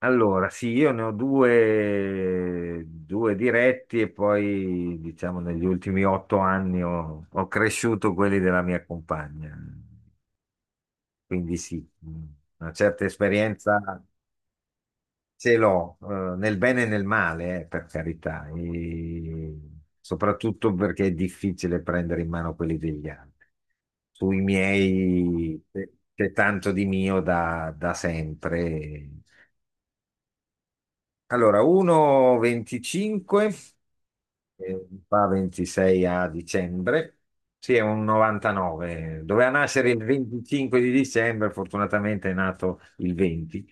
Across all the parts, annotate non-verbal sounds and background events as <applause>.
Allora, sì, io ne ho due, due diretti e poi, diciamo, negli ultimi 8 anni ho cresciuto quelli della mia compagna. Quindi sì, una certa esperienza ce l'ho, nel bene e nel male, per carità, e soprattutto perché è difficile prendere in mano quelli degli altri. Sui miei c'è tanto di mio da sempre. Allora, 1,25 fa 26 a dicembre. Sì, è un 99. Doveva nascere il 25 di dicembre, fortunatamente è nato il 20,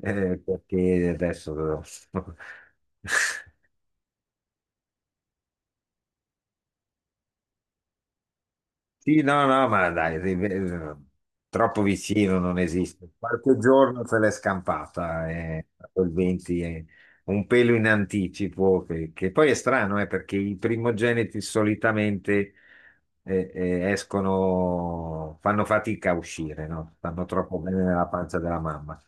perché adesso <laughs> Sì, no, no, ma dai, troppo vicino non esiste. Qualche giorno se l'è scampata, quel 20 è un pelo in anticipo, che poi è strano, perché i primogeniti solitamente escono, fanno fatica a uscire, no? Stanno troppo bene nella pancia della mamma.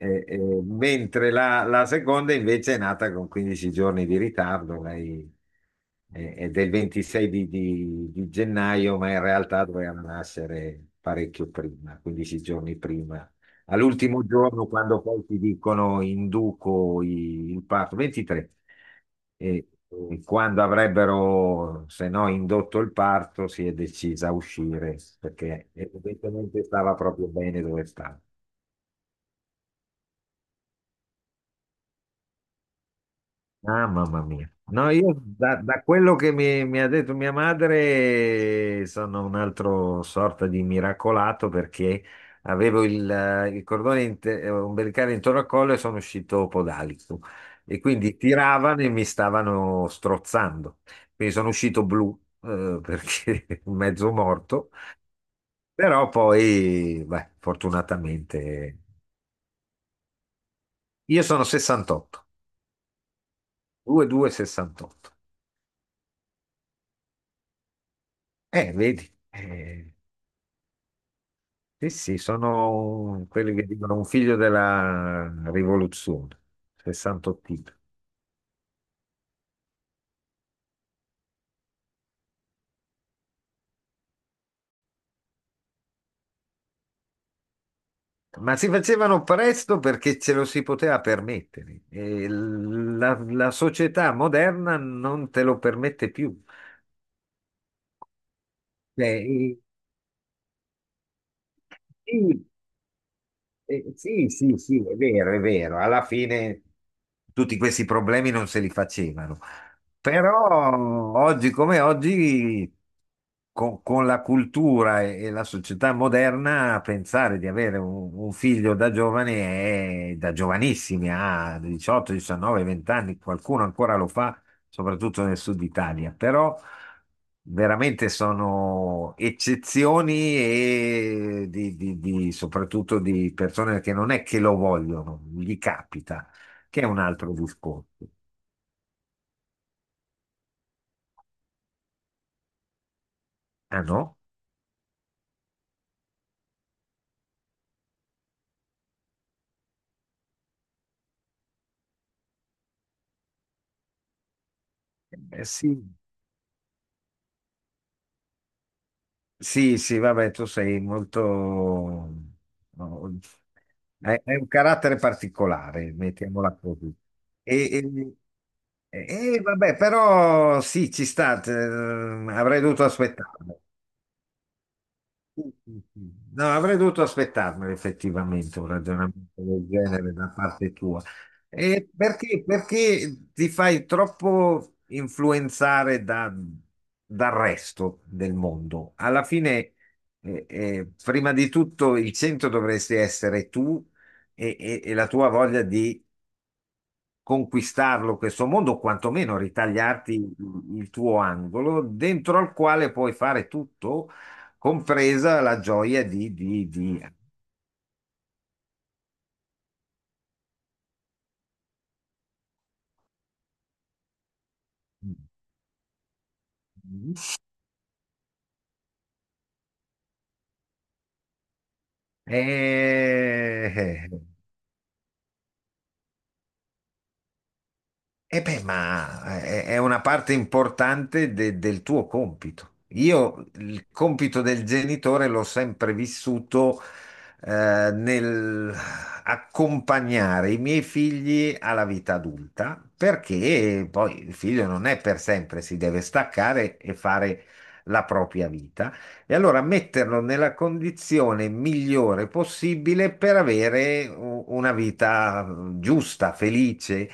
Mentre la seconda invece è nata con 15 giorni di ritardo. Lei è del 26 di gennaio, ma in realtà doveva nascere parecchio prima, 15 giorni prima. All'ultimo giorno, quando poi ti dicono induco il parto, 23, e, e quando avrebbero, se no, indotto il parto, si è decisa a uscire perché evidentemente stava proprio bene dove stava. Ah, mamma mia. No, io da quello che mi ha detto mia madre, sono un altro sorta di miracolato perché avevo il cordone ombelicale intorno al collo e sono uscito podalico e quindi tiravano e mi stavano strozzando. Quindi sono uscito blu, perché <laughs> mezzo morto, però poi, beh, fortunatamente io sono 68, 2268. Vedi. Sì, sì, sono quelli che dicono un figlio della rivoluzione, 68. Ma si facevano presto perché ce lo si poteva permettere. E la società moderna non te lo permette più. Cioè, sì. Sì, sì, sì, è vero, è vero. Alla fine tutti questi problemi non se li facevano. Però oggi come oggi, con la cultura e la società moderna, pensare di avere un figlio da giovane è da giovanissimi, a 18, 19, 20 anni, qualcuno ancora lo fa, soprattutto nel sud Italia. Però veramente sono eccezioni e soprattutto di persone che non è che lo vogliono, gli capita, che è un altro discorso. Ah no? Sì, sì, sì, vabbè, tu sei molto. No, hai un carattere particolare, mettiamola così. E, e vabbè, però sì, ci sta, avrei dovuto aspettare. Sì, sì, sì. No, avrei dovuto aspettarmelo effettivamente un ragionamento del genere da parte tua. E perché ti fai troppo influenzare dal resto del mondo? Alla fine, prima di tutto, il centro dovresti essere tu e la tua voglia di conquistarlo questo mondo, o quantomeno ritagliarti il tuo angolo, dentro al quale puoi fare tutto, compresa la gioia di. Eh, eh, eh. E beh, ma è una parte importante del tuo compito. Io il compito del genitore l'ho sempre vissuto nel accompagnare i miei figli alla vita adulta, perché poi il figlio non è per sempre, si deve staccare e fare la propria vita. E allora metterlo nella condizione migliore possibile per avere una vita giusta, felice,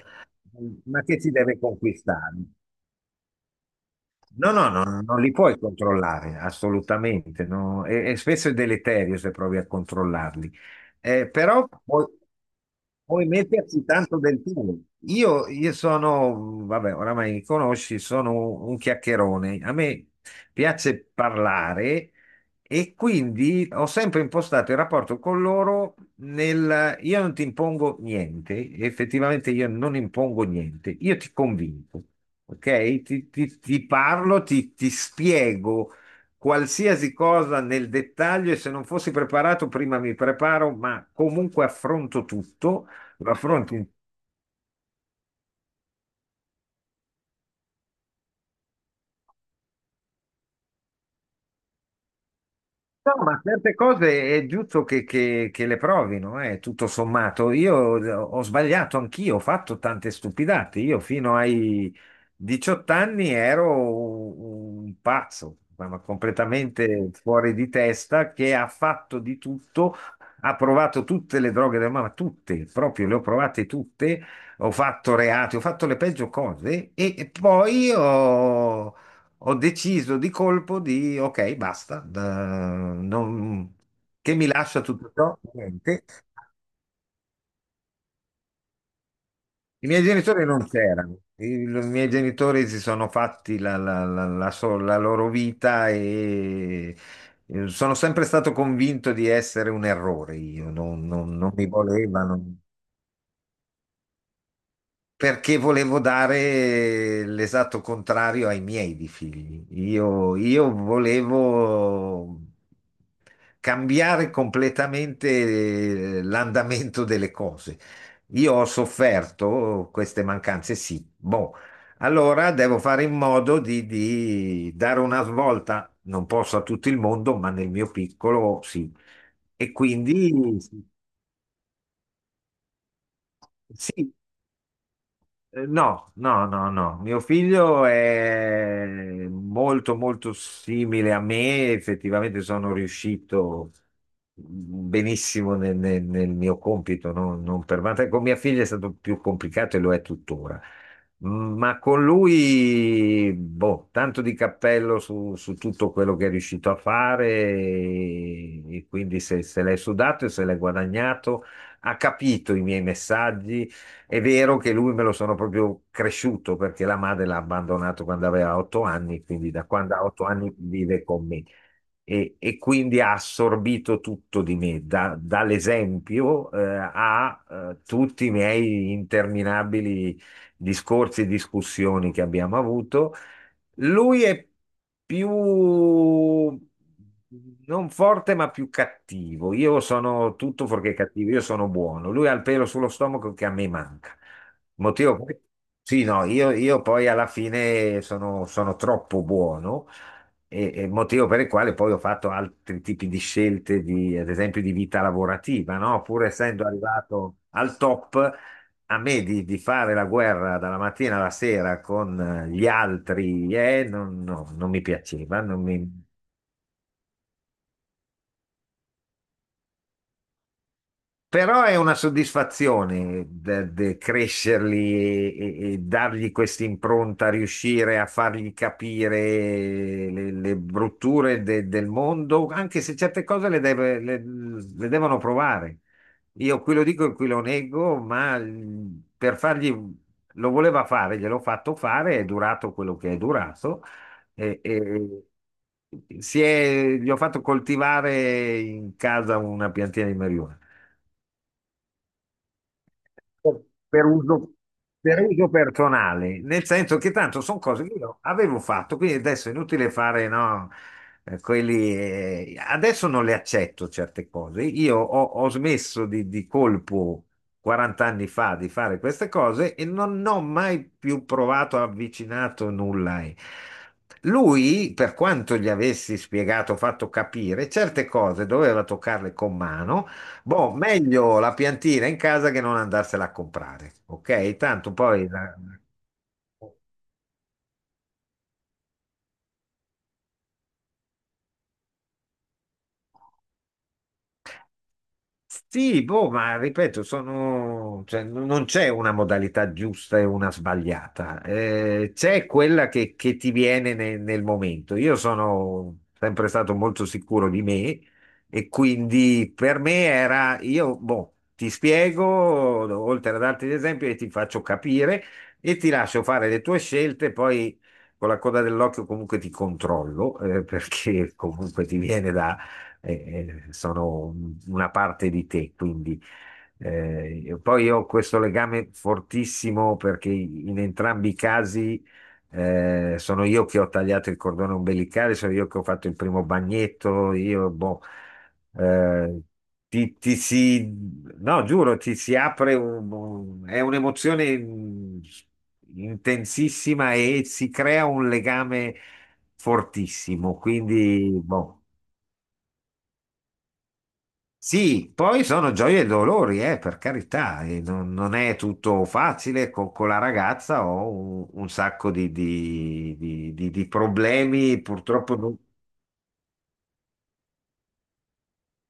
ma che si deve conquistare? No, no, no, non li puoi controllare, assolutamente, no. E spesso è deleterio se provi a controllarli. Però puoi metterci tanto del tuo. Io sono, vabbè, oramai mi conosci, sono un chiacchierone. A me piace parlare e quindi ho sempre impostato il rapporto con loro nel io non ti impongo niente, effettivamente io non impongo niente, io ti convinco. Ok? Ti parlo, ti spiego qualsiasi cosa nel dettaglio, e se non fossi preparato prima mi preparo, ma comunque affronto tutto, lo affronto. No, ma certe cose è giusto che le provino, tutto sommato. Io ho sbagliato anch'io, ho fatto tante stupidate. Io fino ai 18 anni ero un pazzo, ma completamente fuori di testa, che ha fatto di tutto, ha provato tutte le droghe del mamma, tutte, proprio le ho provate tutte, ho fatto reati, ho fatto le peggio cose e poi ho deciso di colpo di ok, basta, che mi lascia tutto ciò? Niente. I miei genitori non c'erano, i miei genitori si sono fatti la loro vita, e sono sempre stato convinto di essere un errore. Io non mi volevano. Perché volevo dare l'esatto contrario ai miei di figli. Io volevo cambiare completamente l'andamento delle cose. Io ho sofferto queste mancanze, sì. Boh, allora devo fare in modo di dare una svolta, non posso a tutto il mondo, ma nel mio piccolo sì. E quindi sì, sì. No, no, no, no. Mio figlio è molto, molto simile a me. Effettivamente sono riuscito benissimo nel mio compito, no? Non per vanta- Con mia figlia è stato più complicato e lo è tuttora. Ma con lui, boh, tanto di cappello su tutto quello che è riuscito a fare, e quindi se l'è sudato e se l'è guadagnato, ha capito i miei messaggi. È vero che lui me lo sono proprio cresciuto perché la madre l'ha abbandonato quando aveva 8 anni, quindi da quando ha 8 anni vive con me, e quindi ha assorbito tutto di me, dall'esempio, a tutti i miei interminabili discorsi e discussioni che abbiamo avuto. Lui è più non forte, ma più cattivo. Io sono tutto fuorché cattivo, io sono buono. Lui ha il pelo sullo stomaco che a me manca. Motivo per- Sì, no, io poi alla fine sono troppo buono, e motivo per il quale poi ho fatto altri tipi di scelte, di, ad esempio di vita lavorativa, no? Pur essendo arrivato al top, a me di fare la guerra dalla mattina alla sera con gli altri, non, no, non mi piaceva, non mi. Però è una soddisfazione crescerli e dargli questa impronta, riuscire a fargli capire le brutture del mondo, anche se certe cose le devono provare. Io qui lo dico e qui lo nego, ma per fargli, lo voleva fare, gliel'ho fatto fare, è durato quello che è durato. E, e- Gli ho fatto coltivare in casa una piantina di marijuana per per uso, per uso personale, nel senso che tanto sono cose che io avevo fatto, quindi adesso è inutile fare, no, quelli, adesso non le accetto certe cose. Io ho smesso di colpo 40 anni fa di fare queste cose e non ho mai più provato, avvicinato nulla. E lui, per quanto gli avessi spiegato, fatto capire, certe cose doveva toccarle con mano. Boh, meglio la piantina in casa che non andarsela a comprare, ok? Tanto poi sì, boh, ma ripeto, sono, cioè, non c'è una modalità giusta e una sbagliata. C'è quella che ti viene nel momento. Io sono sempre stato molto sicuro di me, e quindi per me era, io, boh, ti spiego, oltre ad altri esempi, e ti faccio capire e ti lascio fare le tue scelte, poi con la coda dell'occhio comunque ti controllo, <laughs> perché comunque ti viene sono una parte di te, quindi poi io ho questo legame fortissimo perché in entrambi i casi sono io che ho tagliato il cordone ombelicale, sono io che ho fatto il primo bagnetto, io boh, eh, ti si, no, giuro, ti si apre è un'emozione intensissima e si crea un legame fortissimo, quindi boh. Sì, poi sono gioie e dolori, per carità, e non è tutto facile con la ragazza, ho un sacco di problemi, purtroppo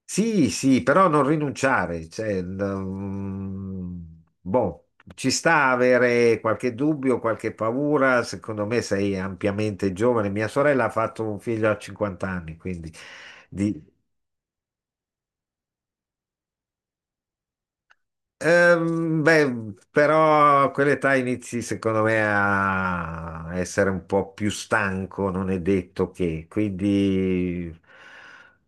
sì, sì, però non rinunciare, cioè, boh, ci sta avere qualche dubbio, qualche paura, secondo me sei ampiamente giovane, mia sorella ha fatto un figlio a 50 anni, quindi... di- beh, però a quell'età inizi secondo me a essere un po' più stanco, non è detto che, quindi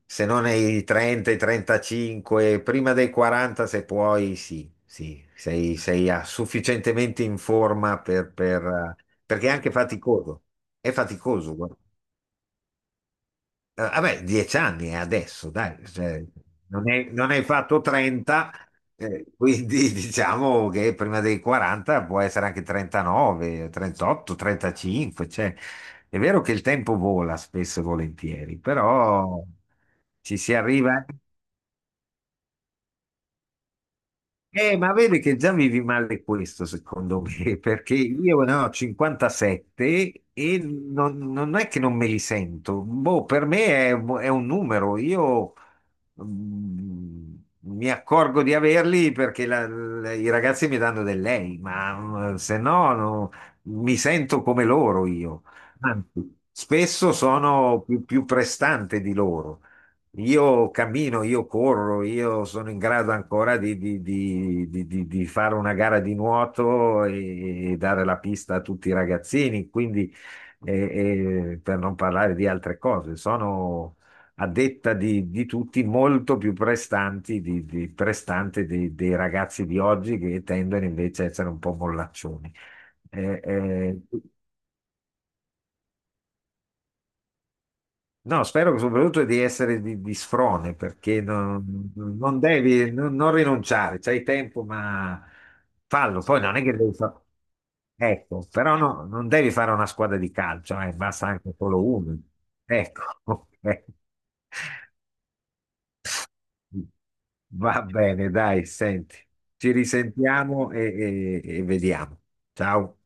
se non ai 30, ai 35, prima dei 40 se puoi, sì, sì, sei sufficientemente in forma perché è anche faticoso, è faticoso, guarda. Vabbè, 10 anni è adesso, dai, cioè, non hai fatto 30, quindi <laughs> diciamo che prima dei 40 può essere anche 39, 38, 35, cioè, è vero che il tempo vola spesso e volentieri, però ci si arriva. Ma vedi che già vivi male questo, secondo me, <laughs> perché io ne ho 57 e non è che non me li sento. Boh, per me è un numero. Io mm, mi accorgo di averli perché i ragazzi mi danno del lei, ma se no, no, mi sento come loro io. Anzi, spesso sono più prestante di loro. Io cammino, io corro, io sono in grado ancora di fare una gara di nuoto e dare la pista a tutti i ragazzini, quindi per non parlare di altre cose, sono a detta di tutti molto più prestanti prestante dei ragazzi di oggi che tendono invece a essere un po' mollaccioni. Eh, eh, No, spero soprattutto di essere di sfrone perché non devi, non rinunciare, c'hai tempo, ma fallo. Poi non è che devi fare. Ecco, però no, non devi fare una squadra di calcio, basta anche solo uno. Ecco, <laughs> ok. Va bene, dai, senti, ci risentiamo e vediamo. Ciao.